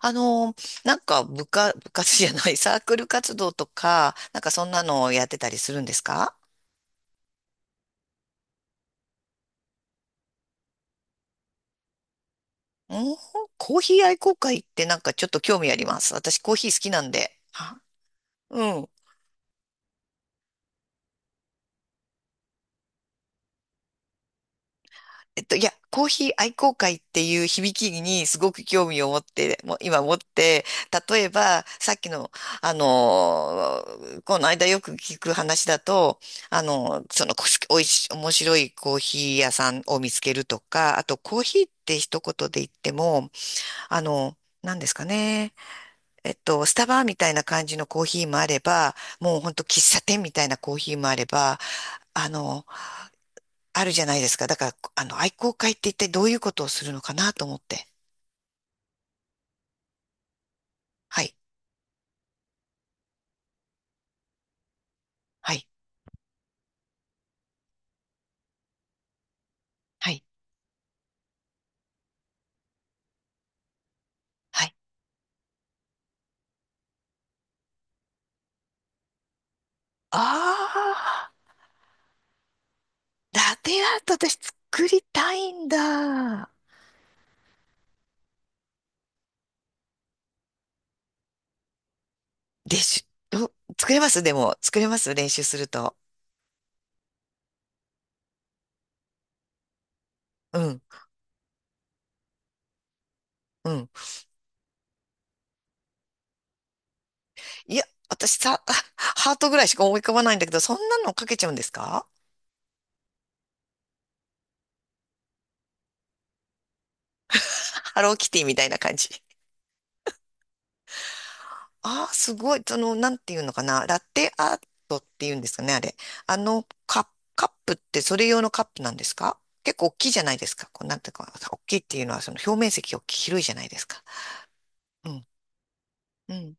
あの、なんか部活、部活じゃない、サークル活動とか、なんかそんなのをやってたりするんですか？うん、コーヒー愛好会ってなんかちょっと興味あります。私コーヒー好きなんで。はうん。いや、コーヒー愛好会っていう響きにすごく興味を持って、もう今持って、例えば、さっきの、あのーこの間よく聞く話だと、あのーその、こおいし、面白いコーヒー屋さんを見つけるとか、あと、コーヒーって一言で言っても、なんですかね。スタバみたいな感じのコーヒーもあれば、もうほんと喫茶店みたいなコーヒーもあれば、あの、あるじゃないですか。だから、愛好会って一体どういうことをするのかなと思って。はい、はい、はい、はい。ああ、ラテアート私作りたいんだ。練習、うん、作れますでも、作れます練習すると。うん、うん。いや、私さ、ハートぐらいしか思い浮かばないんだけど、そんなのかけちゃうんですか？ハローキティみたいな感じ。ああ、すごい。その、なんていうのかな。ラテアートっていうんですかね、あれ。あの、カップ、カップってそれ用のカップなんですか？結構大きいじゃないですか。こう、なんていうか、大きいっていうのは、その表面積大きい、広いじゃないですか。うん、うん、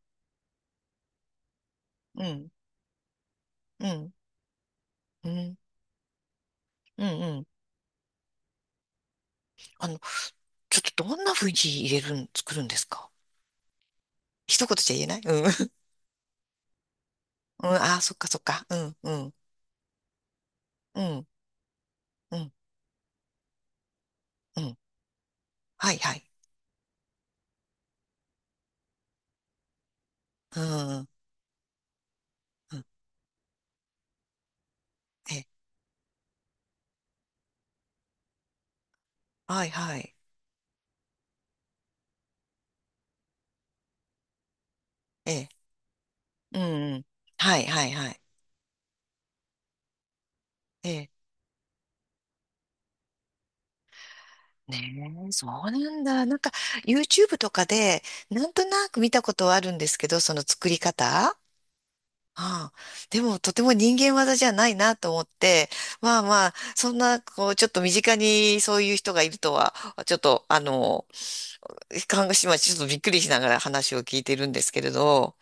うん、うん、うん、うん、うん。あの、ちょっとどんな風に入れるん、作るんですか？一言じゃ言えないうん。うん、ああ、そっかそっか。うん、うん、うん、うん、うん。はい、はい。うん、うん、うん。え、はい、はい。え、うん、うん。はい、はい、はい。ええ、ねえ、そうなんだ。なんか、YouTube とかで、なんとなく見たことはあるんですけど、その作り方。ああ、でも、とても人間技じゃないなと思って、まあまあ、そんな、こう、ちょっと身近にそういう人がいるとは、ちょっと、看護師はちょっとびっくりしながら話を聞いてるんですけれど、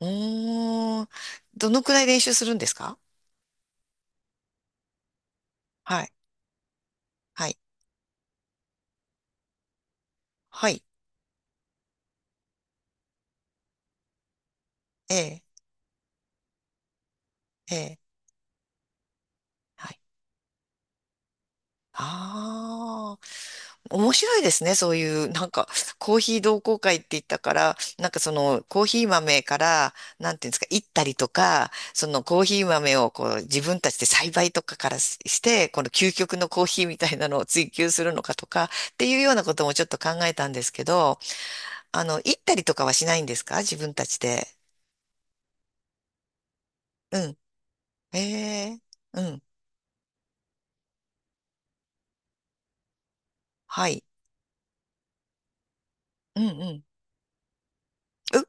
うーん、どのくらい練習するんですか？はい、はい、はい、ええ、ええ、はい。ああ。面白いですね。そういう、なんか、コーヒー同好会って言ったから、なんかその、コーヒー豆から、なんていうんですか、いったりとか、そのコーヒー豆をこう、自分たちで栽培とかからしして、この究極のコーヒーみたいなのを追求するのかとか、っていうようなこともちょっと考えたんですけど、いったりとかはしないんですか自分たちで。うん。ええ、うん。はい。うんうん。う、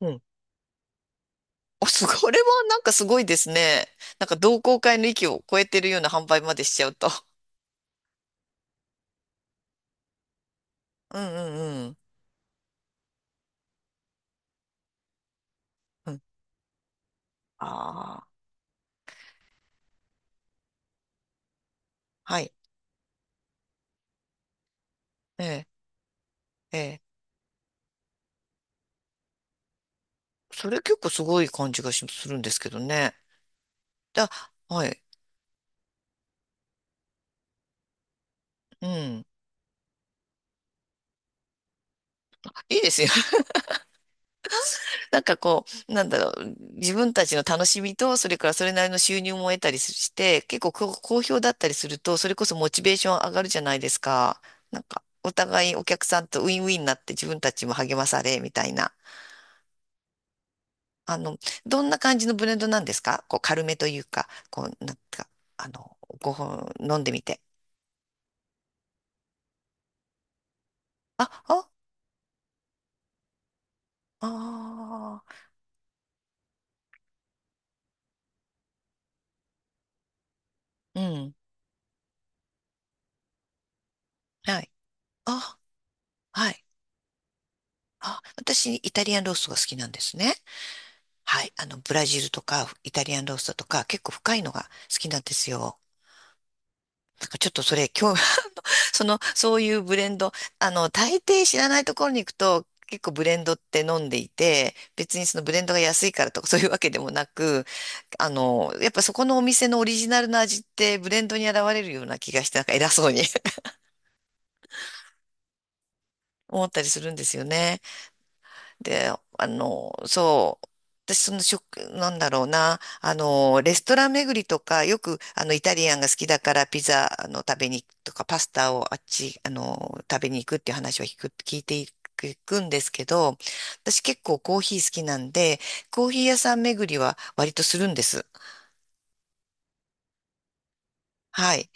うん。お、すごい、これはなんかすごいですね。なんか同好会の域を超えてるような販売までしちゃうと。うんうんうん。うん、ああ、はい。ええ、ええ。それ結構すごい感じがしするんですけどね。だ、はい。うん。いいですよ。なんかこう、なんだろう。自分たちの楽しみと、それからそれなりの収入も得たりして、結構こう好評だったりすると、それこそモチベーション上がるじゃないですか。なんか、お互いお客さんとウィンウィンになって自分たちも励まされ、みたいな。あの、どんな感じのブレンドなんですか？こう、軽めというか、こう、なんか、あの、ごほん飲んでみて。あ、あ、ああ、うん、はい。あ、はい。あ、私、イタリアンローストが好きなんですね。はい。ブラジルとか、イタリアンローストとか、結構深いのが好きなんですよ。なんかちょっとそれ、今日、その、そういうブレンド、大抵知らないところに行くと、結構ブレンドって飲んでいて、別にそのブレンドが安いからとかそういうわけでもなく、やっぱそこのお店のオリジナルの味ってブレンドに現れるような気がして、なんか偉そうに 思ったりするんですよね。で、そう。私、その食、なんだろうな、レストラン巡りとか、よく、イタリアンが好きだから、ピザ、食べに行くとか、パスタをあっち、あの、食べに行くっていう話は聞く、聞いていく、いくんですけど、私結構コーヒー好きなんで、コーヒー屋さん巡りは割とするんです。はい。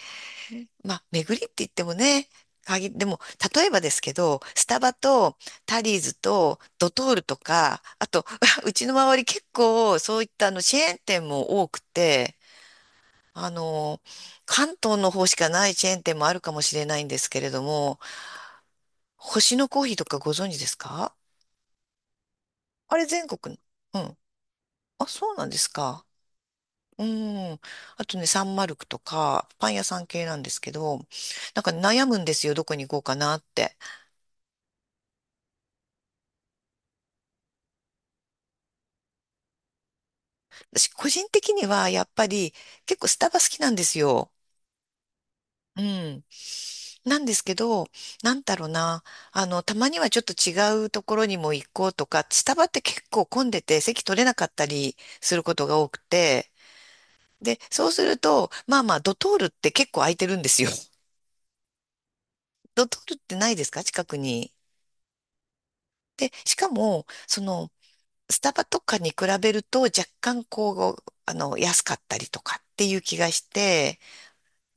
まあ、巡りって言ってもね、限でも、例えばですけど、スタバとタリーズとドトールとか、あと、うちの周り結構そういったあのチェーン店も多くて、あの、関東の方しかないチェーン店もあるかもしれないんですけれども、星のコーヒーとかご存知ですか？あれ全国の、うん。あ、そうなんですか。うん。あとね、サンマルクとか、パン屋さん系なんですけど、なんか悩むんですよ、どこに行こうかなって。私、個人的にはやっぱり結構スタバ好きなんですよ。うん。なんですけど、なんだろうな。たまにはちょっと違うところにも行こうとか、スタバって結構混んでて席取れなかったりすることが多くて、で、そうすると、まあまあ、ドトールって結構空いてるんですよ。ドトールってないですか近くに。で、しかも、その、スタバとかに比べると若干こう、安かったりとかっていう気がして、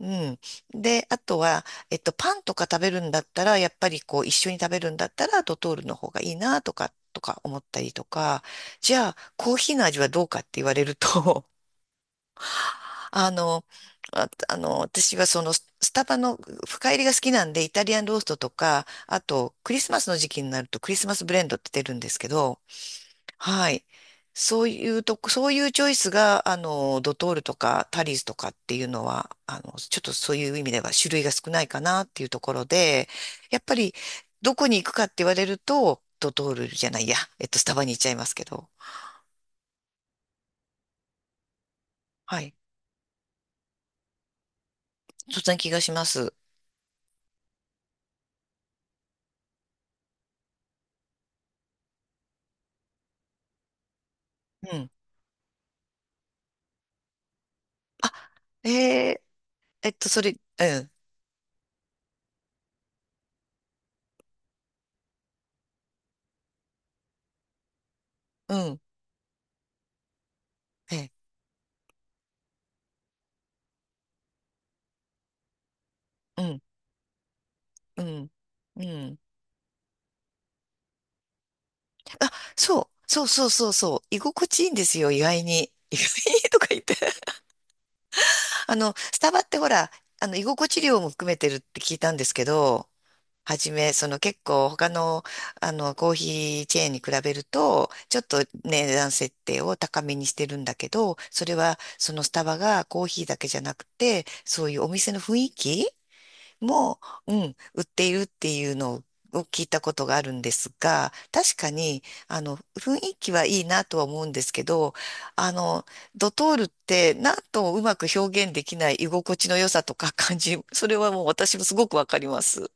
うん。で、あとは、パンとか食べるんだったら、やっぱりこう、一緒に食べるんだったら、ドトールの方がいいな、とか思ったりとか、じゃあ、コーヒーの味はどうかって言われると、あの、私はその、ススタバの深入りが好きなんで、イタリアンローストとか、あと、クリスマスの時期になると、クリスマスブレンドって出るんですけど、はい。そういうとこ、そういうチョイスが、ドトールとかタリーズとかっていうのは、ちょっとそういう意味では種類が少ないかなっていうところで、やっぱり、どこに行くかって言われると、ドトールじゃないや、えっと、スタバに行っちゃいますけど、はい。そんな気がします。うん。あ、えー、えっと、それ、うん、うん、えー、うん、うん、うん。あ、そうそうそうそう、居心地いいんですよ、意外に。意外にとか言って。スタバってほら、居心地料も含めてるって聞いたんですけど、はじめ、その結構他の、コーヒーチェーンに比べると、ちょっとね値段設定を高めにしてるんだけど、それはそのスタバがコーヒーだけじゃなくて、そういうお店の雰囲気も、うん、売っているっていうのを聞いたことがあるんですが、確かに、雰囲気はいいなとは思うんですけど、あの、ドトールってなんともうまく表現できない居心地の良さとか感じ、それはもう私もすごくわかります。